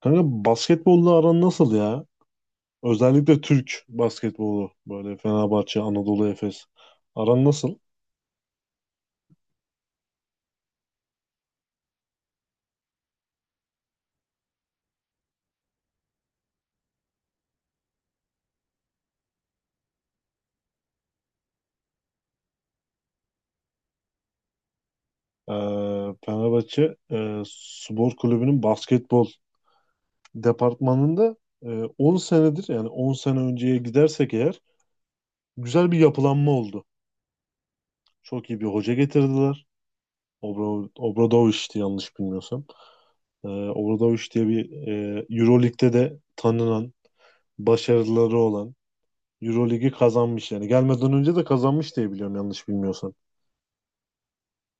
Kanka, basketbolla aran nasıl ya? Özellikle Türk basketbolu böyle Fenerbahçe, Anadolu Efes. Aran nasıl? Ee, Fenerbahçe Spor Kulübü'nün basketbol departmanında, e, 10 senedir, yani 10 sene önceye gidersek eğer güzel bir yapılanma oldu. Çok iyi bir hoca getirdiler. Obradoviç'ti, yanlış bilmiyorsam. Obradoviç diye bir, Euroleague'de de tanınan, başarıları olan, Euroligi kazanmış yani. Gelmeden önce de kazanmış diye biliyorum, yanlış bilmiyorsan.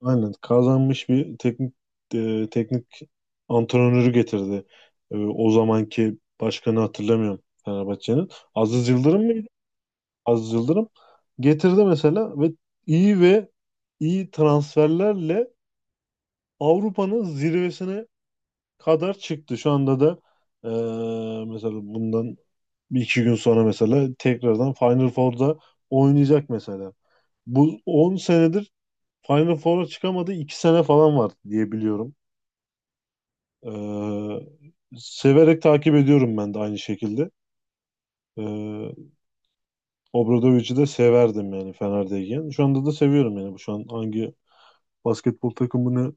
Aynen, kazanmış bir teknik, teknik antrenörü getirdi. O zamanki başkanı hatırlamıyorum Fenerbahçe'nin. Aziz Yıldırım mıydı? Aziz Yıldırım getirdi mesela ve iyi ve iyi transferlerle Avrupa'nın zirvesine kadar çıktı. Şu anda da e, mesela bundan bir iki gün sonra mesela tekrardan Final Four'da oynayacak mesela. Bu 10 senedir Final Four'a çıkamadı. 2 sene falan var diye biliyorum. Severek takip ediyorum ben de aynı şekilde. Ee, Obradovic'i de severdim yani Fener'deyken. Şu anda da seviyorum yani. Bu şu an hangi basketbol takımını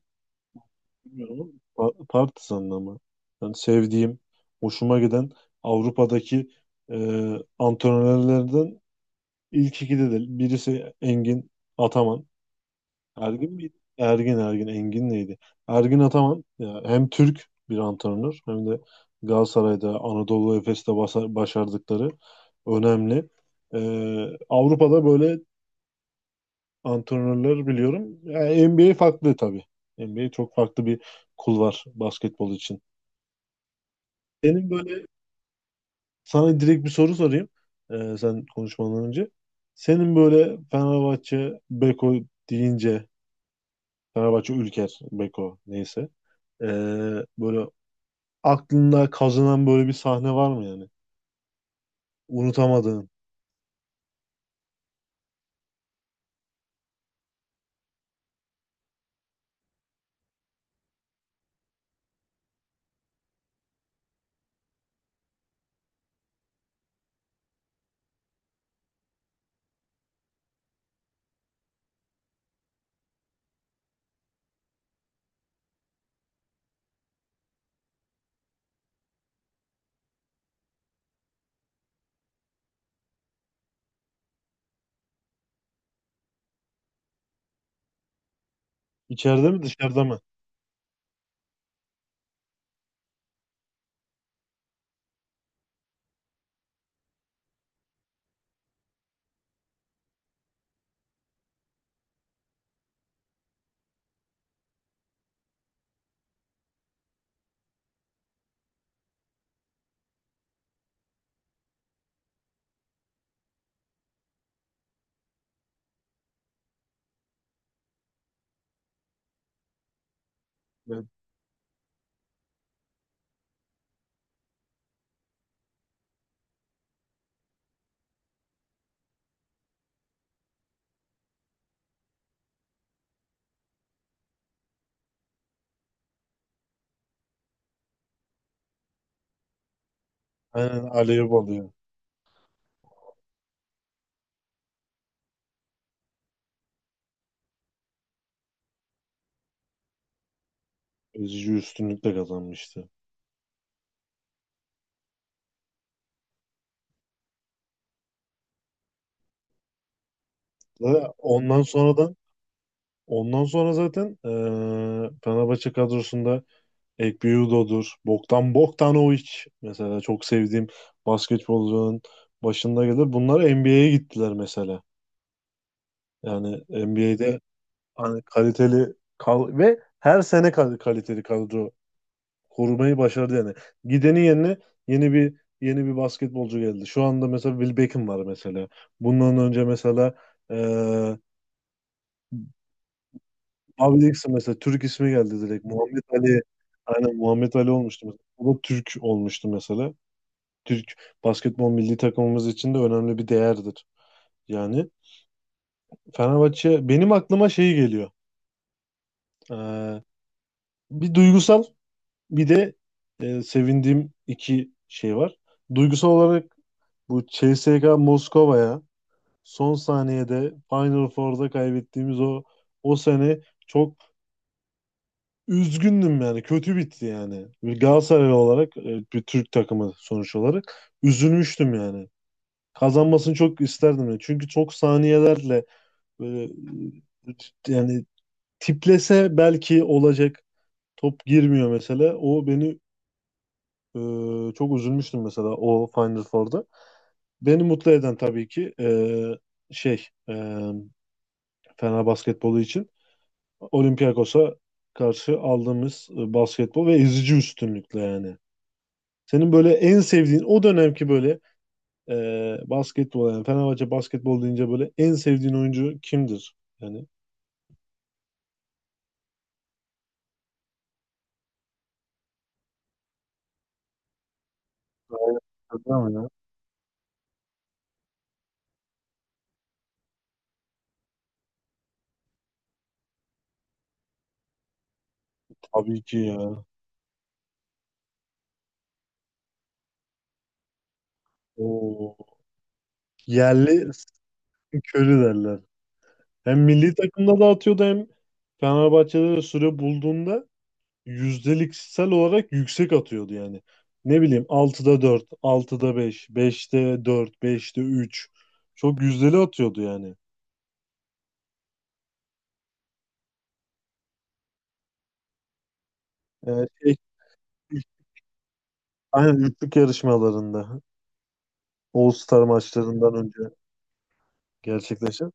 bilmiyorum ama Partizan'ın ama. Yani sevdiğim, hoşuma giden Avrupa'daki e, antrenörlerden ilk ikide de birisi Engin Ataman. Ergin miydi? Ergin, Engin neydi? Ergin Ataman ya, hem Türk bir antrenör hem de Galatasaray'da, Anadolu Efes'te başardıkları önemli. Ee, Avrupa'da böyle antrenörler biliyorum. Yani NBA farklı tabii. NBA çok farklı bir kulvar basketbol için. Senin böyle, sana direkt bir soru sorayım sen konuşmadan önce. Senin böyle Fenerbahçe Beko deyince, Fenerbahçe Ülker Beko neyse. Ee, böyle aklında kazınan böyle bir sahne var mı yani? Unutamadığın. İçeride mi, dışarıda mı? Evet. Aynen. Alev alıyor. Ezici üstünlükle kazanmıştı. Ve ondan sonra zaten Fenerbahçe kadrosunda Ekpiyudo'dur. Bogdan Bogdanovic mesela çok sevdiğim basketbolcunun başında gelir. Bunlar NBA'ye gittiler mesela. Yani NBA'de hani kaliteli kal ve her sene kaliteli kadro korumayı başardı yani. Gidenin yerine yeni bir yeni bir basketbolcu geldi. Şu anda mesela Will Beckham var mesela. Bundan önce mesela eee Bobby Dixon mesela. Türk ismi geldi direkt, Muhammed Ali. Aynen, Muhammed Ali olmuştu mesela. O da Türk olmuştu mesela. Türk basketbol milli takımımız için de önemli bir değerdir. Yani Fenerbahçe benim aklıma şey geliyor. Eee, bir duygusal bir de, sevindiğim iki şey var. Duygusal olarak, bu CSKA Moskova'ya son saniyede Final Four'da kaybettiğimiz o sene çok üzgündüm yani. Kötü bitti yani. Bir Galatasaraylı olarak bir Türk takımı sonuç olarak üzülmüştüm yani. Kazanmasını çok isterdim yani. Çünkü çok saniyelerle böyle, e, yani tiplese belki olacak, top girmiyor mesela. O beni e, çok üzülmüştüm mesela o Final Four'da. Beni mutlu eden tabii ki, şey e, Fener basketbolu için Olympiakos'a karşı aldığımız basketbol, ve ezici üstünlükle yani. Senin böyle en sevdiğin o dönemki böyle e, basketbol, yani Fenerbahçe basketbol deyince böyle en sevdiğin oyuncu kimdir? Yani. Tamam ya. Tabii ki ya. Oo. Yerli Stephen derler. Hem milli takımda da atıyordu, hem Fenerbahçe'de de süre bulduğunda yüzdeliksel olarak yüksek atıyordu yani. Ne bileyim, 4/6, 5/6, 4/5, 3/5. Çok yüzdeli atıyordu yani. Ee, şey, aynen üçlük yarışmalarında, All Star maçlarından önce gerçekleşen.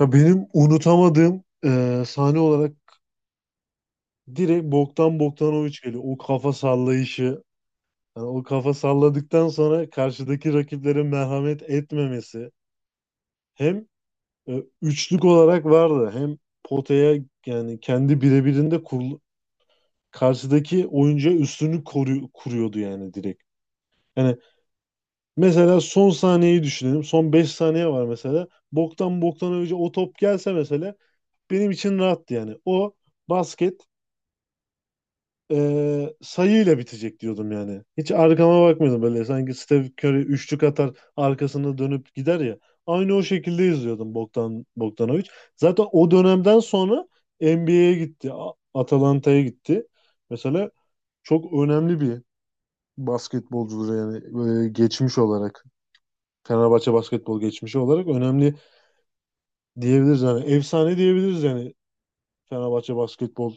Ya benim unutamadığım sahne olarak direkt Bogdan Bogdanovic geliyor. O kafa sallayışı, yani o kafa salladıktan sonra karşıdaki rakiplere merhamet etmemesi. Hem üçlük olarak vardı, hem potaya, yani kendi birebirinde karşıdaki oyuncuya üstünlük kuruyordu yani, direkt. Yani mesela son saniyeyi düşünelim. Son 5 saniye var mesela. Boktan önce o top gelse mesela benim için rahattı yani. O basket sayıyla bitecek diyordum yani. Hiç arkama bakmıyordum böyle. Sanki Steph Curry üçlük atar arkasında dönüp gider ya, aynı o şekilde izliyordum Bogdan Bogdanovic. Zaten o dönemden sonra NBA'ye gitti. Atalanta'ya gitti. Mesela çok önemli bir basketbolcudur yani, geçmiş olarak. Fenerbahçe basketbol geçmişi olarak önemli diyebiliriz yani, efsane diyebiliriz yani. Fenerbahçe basketbol,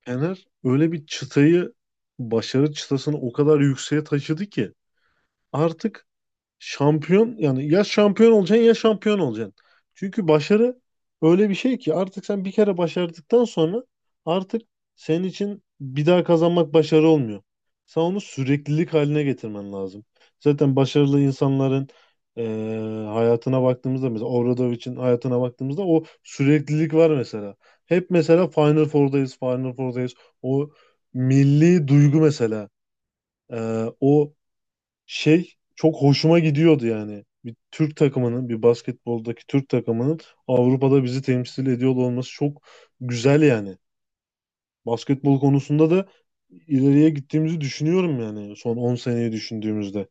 Fener öyle bir çıtayı, başarı çıtasını o kadar yükseğe taşıdı ki artık şampiyon, yani ya şampiyon olacaksın ya şampiyon olacaksın. Çünkü başarı öyle bir şey ki, artık sen bir kere başardıktan sonra artık senin için bir daha kazanmak başarı olmuyor. Sen onu süreklilik haline getirmen lazım. Zaten başarılı insanların, hayatına baktığımızda, mesela Obradovic'in hayatına baktığımızda o süreklilik var mesela. Hep mesela Final Four'dayız, Final Four'dayız. O milli duygu mesela. O şey çok hoşuma gidiyordu yani. Bir Türk takımının, bir basketboldaki Türk takımının Avrupa'da bizi temsil ediyor olması çok güzel yani. Basketbol konusunda da ileriye gittiğimizi düşünüyorum, yani son 10 seneyi düşündüğümüzde.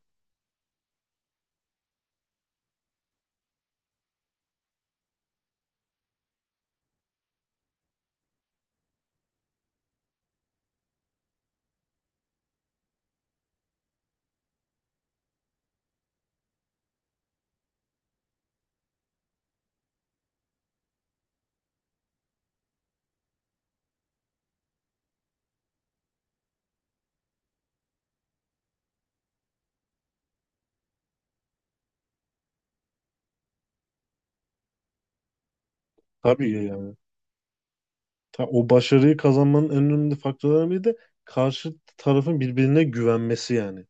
Tabii yani. O başarıyı kazanmanın en önemli faktörlerinden biri de karşı tarafın birbirine güvenmesi yani.